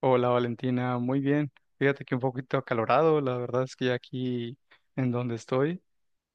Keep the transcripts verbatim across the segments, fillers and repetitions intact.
Hola Valentina, muy bien. Fíjate que un poquito acalorado, la verdad es que ya aquí en donde estoy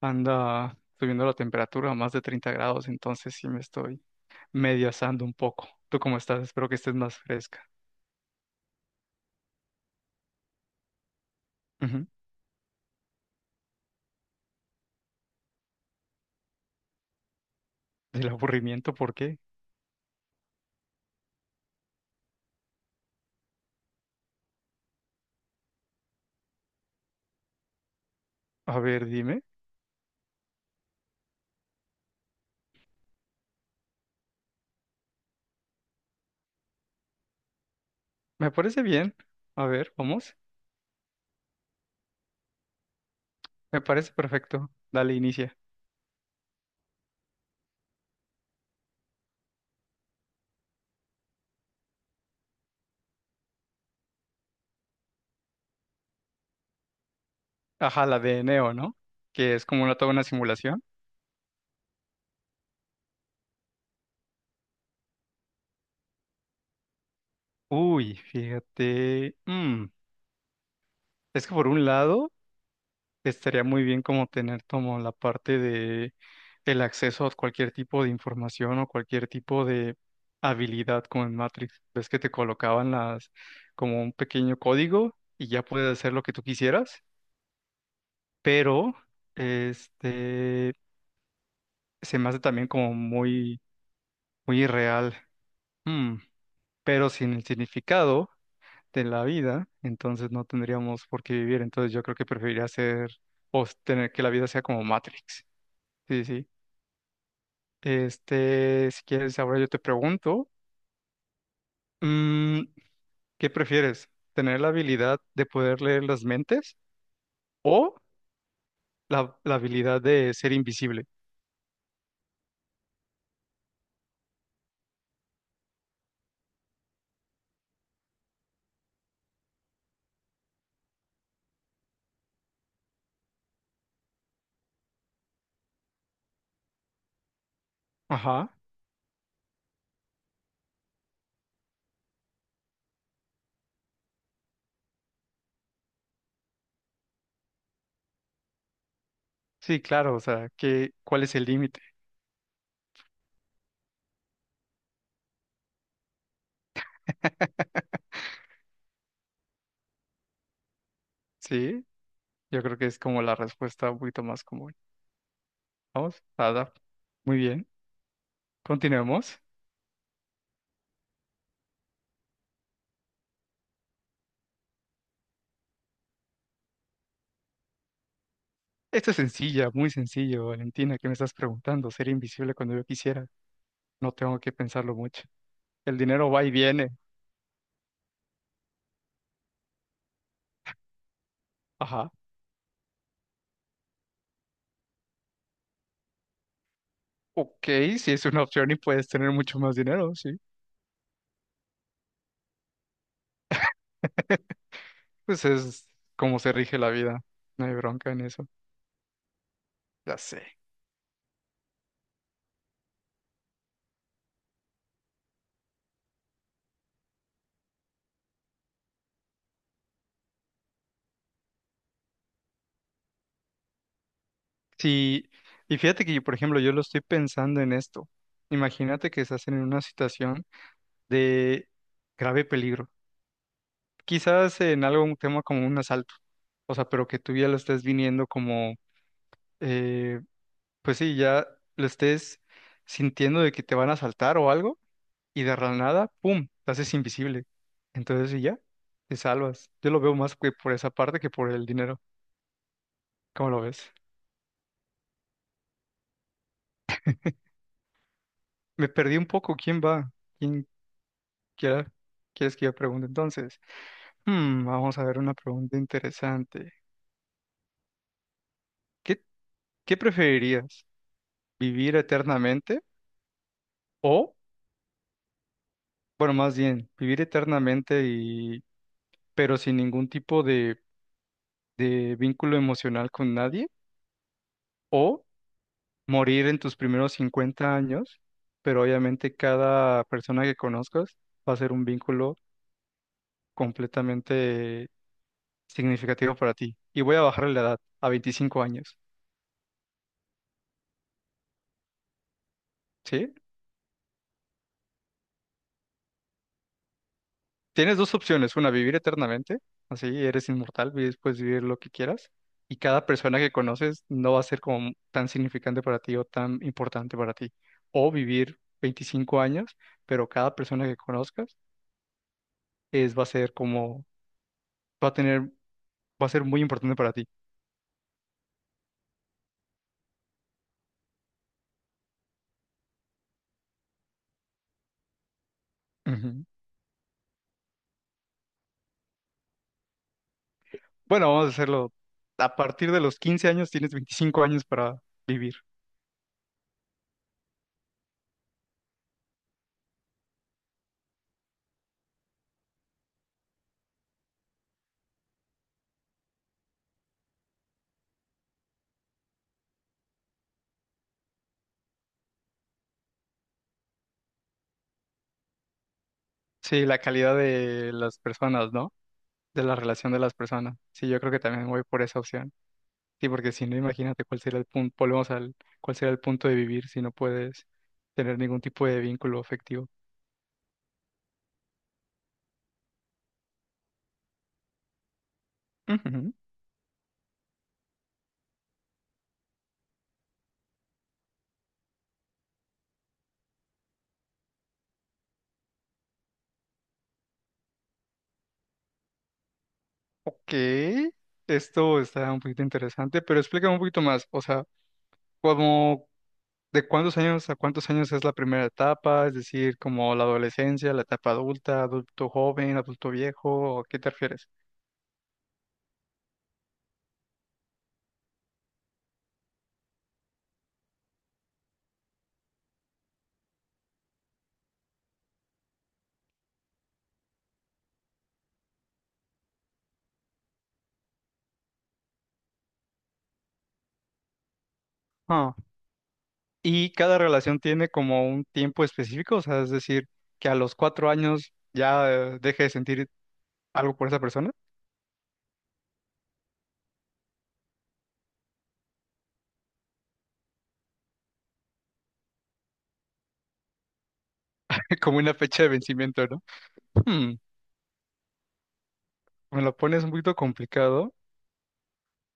anda subiendo la temperatura a más de treinta grados, entonces sí me estoy medio asando un poco. ¿Tú cómo estás? Espero que estés más fresca. Ujú. ¿Del aburrimiento por qué? A ver, dime. Me parece bien. A ver, vamos. Me parece perfecto. Dale, inicia. Ajá, la de Neo, ¿no? Que es como una, toda una simulación. Uy, fíjate. mm, Es que por un lado, estaría muy bien como tener como la parte de el acceso a cualquier tipo de información o cualquier tipo de habilidad como en Matrix. Ves que te colocaban las como un pequeño código y ya puedes hacer lo que tú quisieras, pero este se me hace también como muy muy irreal. Mm, pero sin el significado de la vida, entonces no tendríamos por qué vivir. Entonces yo creo que preferiría hacer o tener que la vida sea como Matrix. Sí, sí. Este, si quieres, ahora yo te pregunto, mm, ¿qué prefieres? ¿Tener la habilidad de poder leer las mentes o la, la habilidad de ser invisible? Ajá. Sí, claro, o sea, ¿qué, cuál es el límite? Sí, yo creo que es como la respuesta un poquito más común. Vamos, nada, muy bien. Continuemos. Esto es sencilla, muy sencillo, Valentina, ¿qué me estás preguntando? Ser invisible cuando yo quisiera. No tengo que pensarlo mucho. El dinero va y viene. Ajá. Ok, sí es una opción y puedes tener mucho más dinero, sí. Pues es como se rige la vida. No hay bronca en eso. Ya sé. Sí, y fíjate que yo, por ejemplo, yo lo estoy pensando en esto. Imagínate que estás en una situación de grave peligro. Quizás en algún tema como un asalto. O sea, pero que tú ya lo estés viniendo como, eh, pues sí, ya lo estés sintiendo de que te van a asaltar o algo y de la nada, ¡pum!, te haces invisible. Entonces, y ya, te salvas. Yo lo veo más que por esa parte que por el dinero. ¿Cómo lo ves? Me perdí un poco. ¿Quién va? ¿Quién quiera? ¿Quieres que yo pregunte entonces? Hmm, vamos a ver una pregunta interesante. ¿Qué, qué preferirías? ¿Vivir eternamente? O, bueno, más bien, vivir eternamente y, pero sin ningún tipo de, de vínculo emocional con nadie. O morir en tus primeros cincuenta años, pero obviamente cada persona que conozcas va a ser un vínculo completamente significativo para ti. Y voy a bajarle la edad a veinticinco años, ¿sí? Tienes dos opciones, una, vivir eternamente, así eres inmortal, vives puedes vivir lo que quieras, y cada persona que conoces no va a ser como tan significante para ti o tan importante para ti. O vivir veinticinco años, pero cada persona que conozcas es, va a ser como, va a tener, va a ser muy importante para ti. Ujú. Bueno, vamos a hacerlo. A partir de los quince años tienes veinticinco años para vivir. Sí, la calidad de las personas, ¿no? De la relación de las personas. Sí, yo creo que también voy por esa opción. Sí, porque si no, imagínate cuál sería el punto, volvemos al, cuál sería el punto de vivir si no puedes tener ningún tipo de vínculo afectivo. Ujú. Ok, esto está un poquito interesante, pero explícame un poquito más. O sea, ¿cómo, ¿De cuántos años a cuántos años es la primera etapa? Es decir, como la adolescencia, la etapa adulta, adulto joven, adulto viejo, ¿a qué te refieres? Ah, y cada relación tiene como un tiempo específico, o sea, es decir, que a los cuatro años ya eh, deje de sentir algo por esa persona, como una fecha de vencimiento, ¿no? Hmm, me lo pones un poquito complicado,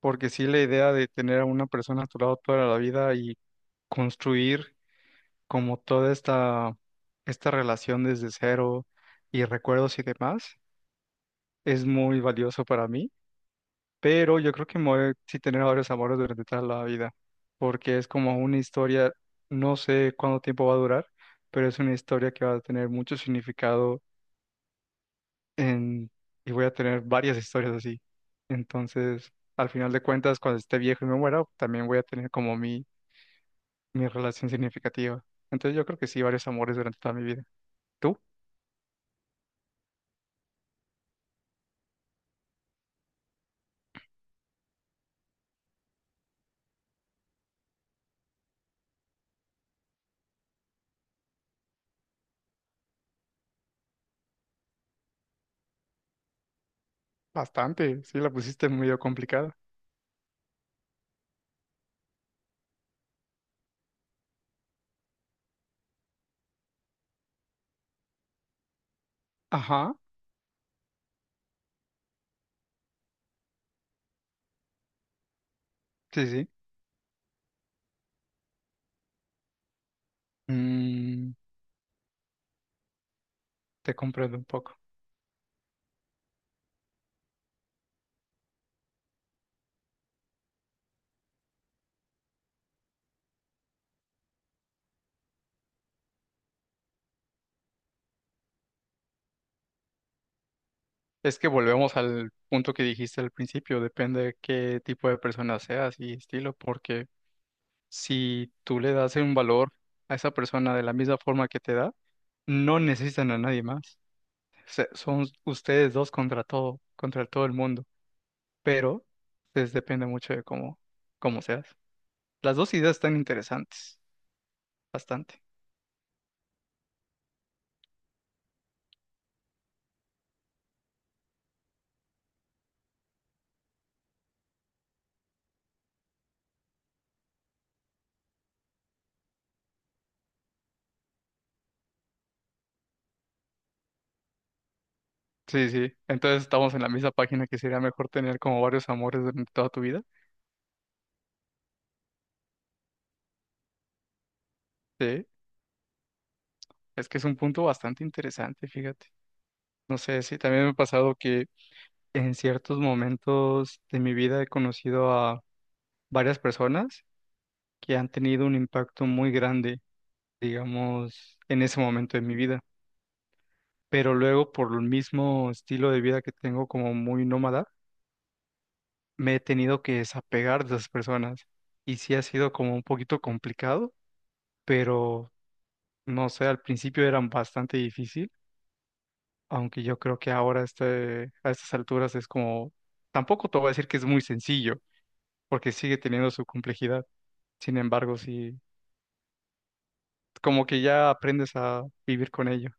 porque sí la idea de tener a una persona a tu lado toda la vida y construir como toda esta, esta relación desde cero y recuerdos y demás, es muy valioso para mí, pero yo creo que me voy a sí tener varios amores durante toda la vida, porque es como una historia, no sé cuánto tiempo va a durar, pero es una historia que va a tener mucho significado en, y voy a tener varias historias así. Entonces, al final de cuentas, cuando esté viejo y me muera, también voy a tener como mi, mi relación significativa. Entonces yo creo que sí, varios amores durante toda mi vida. ¿Tú? Bastante, sí, la pusiste medio complicada. Ajá, sí, sí. Mm, te comprendo un poco. Es que volvemos al punto que dijiste al principio, depende de qué tipo de persona seas y estilo, porque si tú le das un valor a esa persona de la misma forma que te da, no necesitan a nadie más. Se- son ustedes dos contra todo, contra todo el mundo, pero pues, depende mucho de cómo, cómo seas. Las dos ideas están interesantes, bastante. Sí, sí. Entonces estamos en la misma página que sería mejor tener como varios amores durante toda tu vida. Sí, es que es un punto bastante interesante, fíjate. No sé, sí, también me ha pasado que en ciertos momentos de mi vida he conocido a varias personas que han tenido un impacto muy grande, digamos, en ese momento de mi vida. Pero luego, por el mismo estilo de vida que tengo como muy nómada, me he tenido que desapegar de esas personas. Y sí ha sido como un poquito complicado, pero no sé, al principio eran bastante difícil, aunque yo creo que ahora este, a estas alturas es como, tampoco te voy a decir que es muy sencillo, porque sigue teniendo su complejidad. Sin embargo, sí, como que ya aprendes a vivir con ello.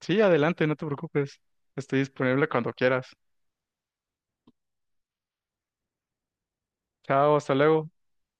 Sí, adelante, no te preocupes. Estoy disponible cuando quieras. Chao, hasta luego.